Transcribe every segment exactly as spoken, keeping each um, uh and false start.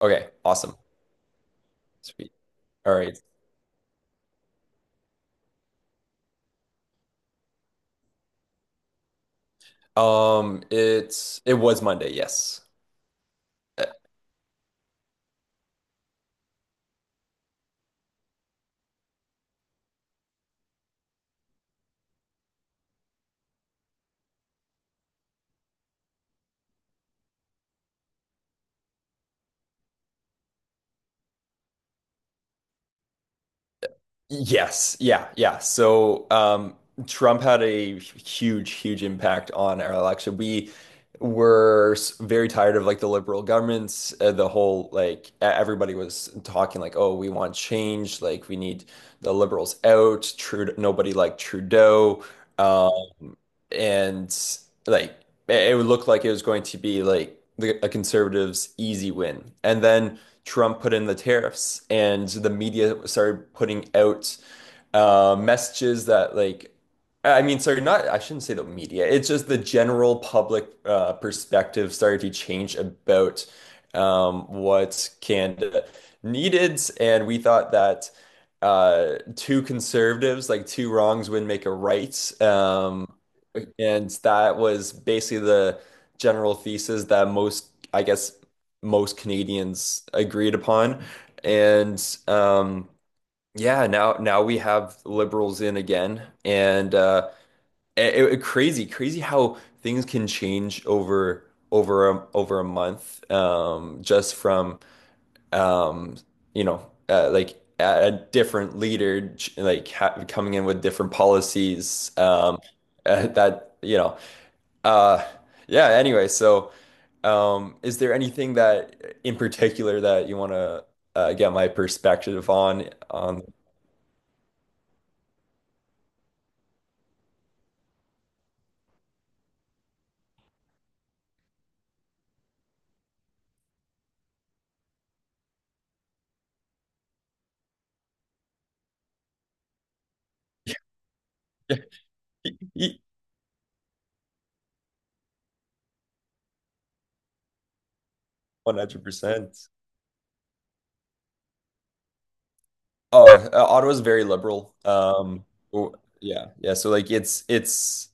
Okay, awesome. Sweet. All right. Um, it's it was Monday, yes. Uh, yes, yeah, yeah. So, um, Trump had a huge, huge impact on our election. We were s- very tired of like the liberal governments, uh, the whole like e- everybody was talking like, "Oh, we want change, like we need the liberals out." Trude Nobody liked Trudeau. Um, and like it it would look like it was going to be like the, a conservative's easy win. And then Trump put in the tariffs, and the media started putting out uh, messages that like I mean, sorry, not I shouldn't say the media. It's just the general public uh, perspective started to change about um, what Canada needed, and we thought that uh, two conservatives, like two wrongs, would make a right, um, and that was basically the general thesis that most, I guess, most Canadians agreed upon, and um, yeah, now now we have liberals in again, and uh, it, it- crazy, crazy how things can change over over a, over a month, um, just from um, you know, uh, like a, a different leader ch- like ha coming in with different policies, um, uh, that you know, uh, yeah. Anyway, so um, is there anything that in particular that you want to uh, get my perspective on on? one hundred percent. Oh, uh, Ottawa's very liberal. Um, w- yeah, yeah. So like it's it's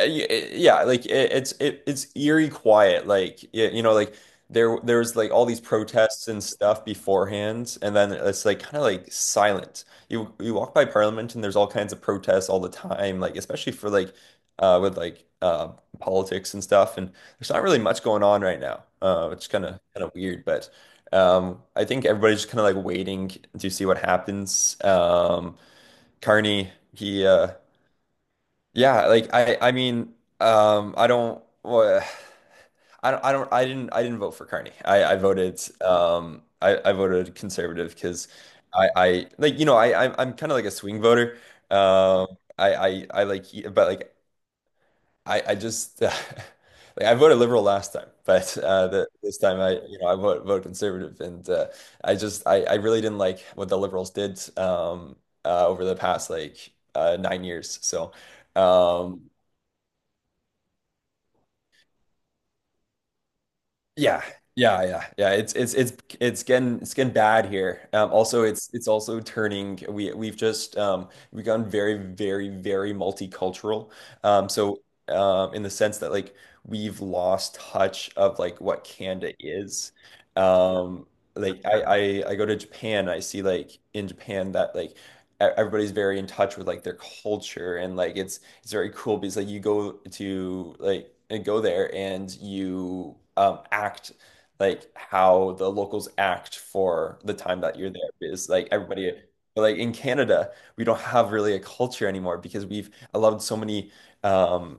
Uh, y- uh, Yeah, like it, it's it, it's eerie quiet. Like y- you know, like there there was like all these protests and stuff beforehand, and then it's like kind of like silent. You you walk by Parliament and there's all kinds of protests all the time, like especially for like uh with like uh politics and stuff. And there's not really much going on right now, uh, which kind of kind of weird. But um, I think everybody's just kind of like waiting to see what happens. Um, Carney, he uh yeah, like I I mean, um I don't well, I don't I don't I didn't I didn't vote for Carney. I I voted um I I voted conservative because I I like you know I I'm, I'm kind of like a swing voter. Um I I I like but like I I just like I voted liberal last time, but uh the, this time I you know I vote vote conservative and uh I just I I really didn't like what the liberals did um uh over the past like uh nine years. So um, Yeah, yeah, yeah, yeah. It's it's it's it's getting it's getting bad here. Um, also, it's it's also turning. We we've just um, we've gone very very very multicultural. Um, so um, in the sense that like we've lost touch of like what Canada is. Um, like I, I I go to Japan. I see like in Japan that like e- everybody's very in touch with like their culture and like it's it's very cool because like you go to like and go there and you um act like how the locals act for the time that you're there because like everybody like in Canada we don't have really a culture anymore because we've allowed so many um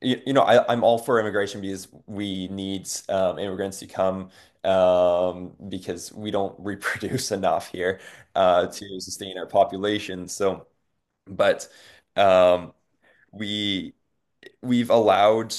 you, you know I, I'm all for immigration because we need um, immigrants to come um because we don't reproduce enough here uh to sustain our population so but um we we've allowed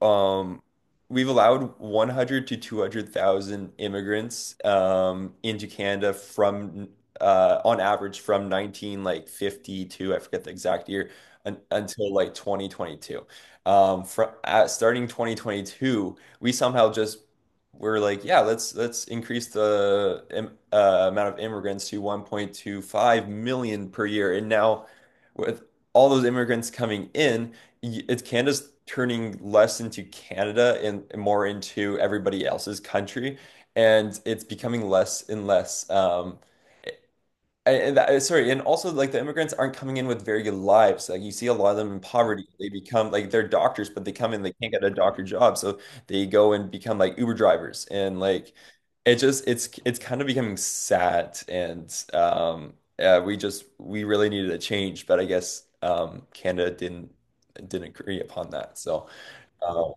um we've allowed one hundred to two hundred thousand immigrants um into Canada from uh on average from nineteen like fifty-two, I forget the exact year, un until like twenty twenty-two. Um from at, starting twenty twenty-two we somehow just we're like, yeah, let's let's increase the im uh, amount of immigrants to one point two five million per year. And now with all those immigrants coming in, it's Canada's turning less into Canada and more into everybody else's country, and it's becoming less and less. Um, and, that, uh, sorry, and also like the immigrants aren't coming in with very good lives. Like you see a lot of them in poverty. They become like they're doctors, but they come in, they can't get a doctor job, so they go and become like Uber drivers. And like it just it's it's kind of becoming sad. And um, uh, We just we really needed a change, but I guess um, Canada didn't didn't agree upon that. So um,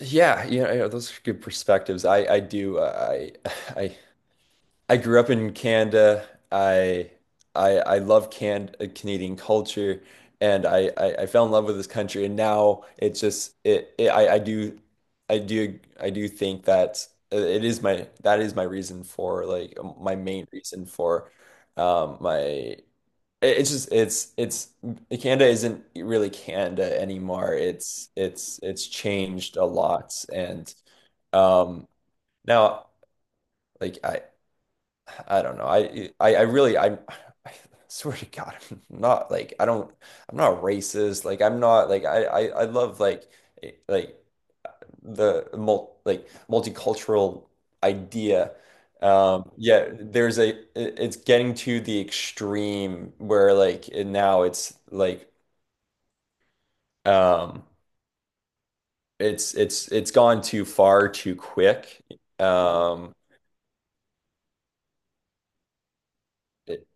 yeah, you know, you know, those are good perspectives. I I do uh, I I I grew up in Canada. I I I love Can uh, Canadian culture, and I, I I fell in love with this country. And now it's just it, it I I do I do I do think that uh, it is my that is my reason for like my main reason for um my it- it's just it's it's Canada isn't really Canada anymore. It's it's it's changed a lot, and um now like I. I don't know. I I, I really I, I swear to God, I'm not like I don't I'm not racist. Like I'm not like I I, I love like eh, like the mul like multicultural idea. Um, yeah, there's a it- it's getting to the extreme where like it, now it's like um it's it's it's gone too far too quick. Mhm. Um, It-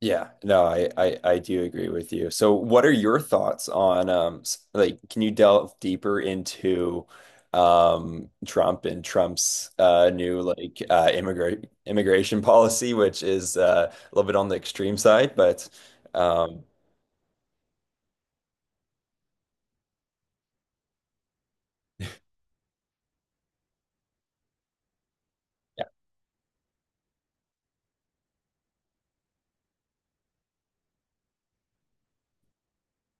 Yeah, no, I, I I do agree with you. So what are your thoughts on um s- like can you delve deeper into um Trump and Trump's uh new like uh immigrant immigration policy, which is uh, a little bit on the extreme side but um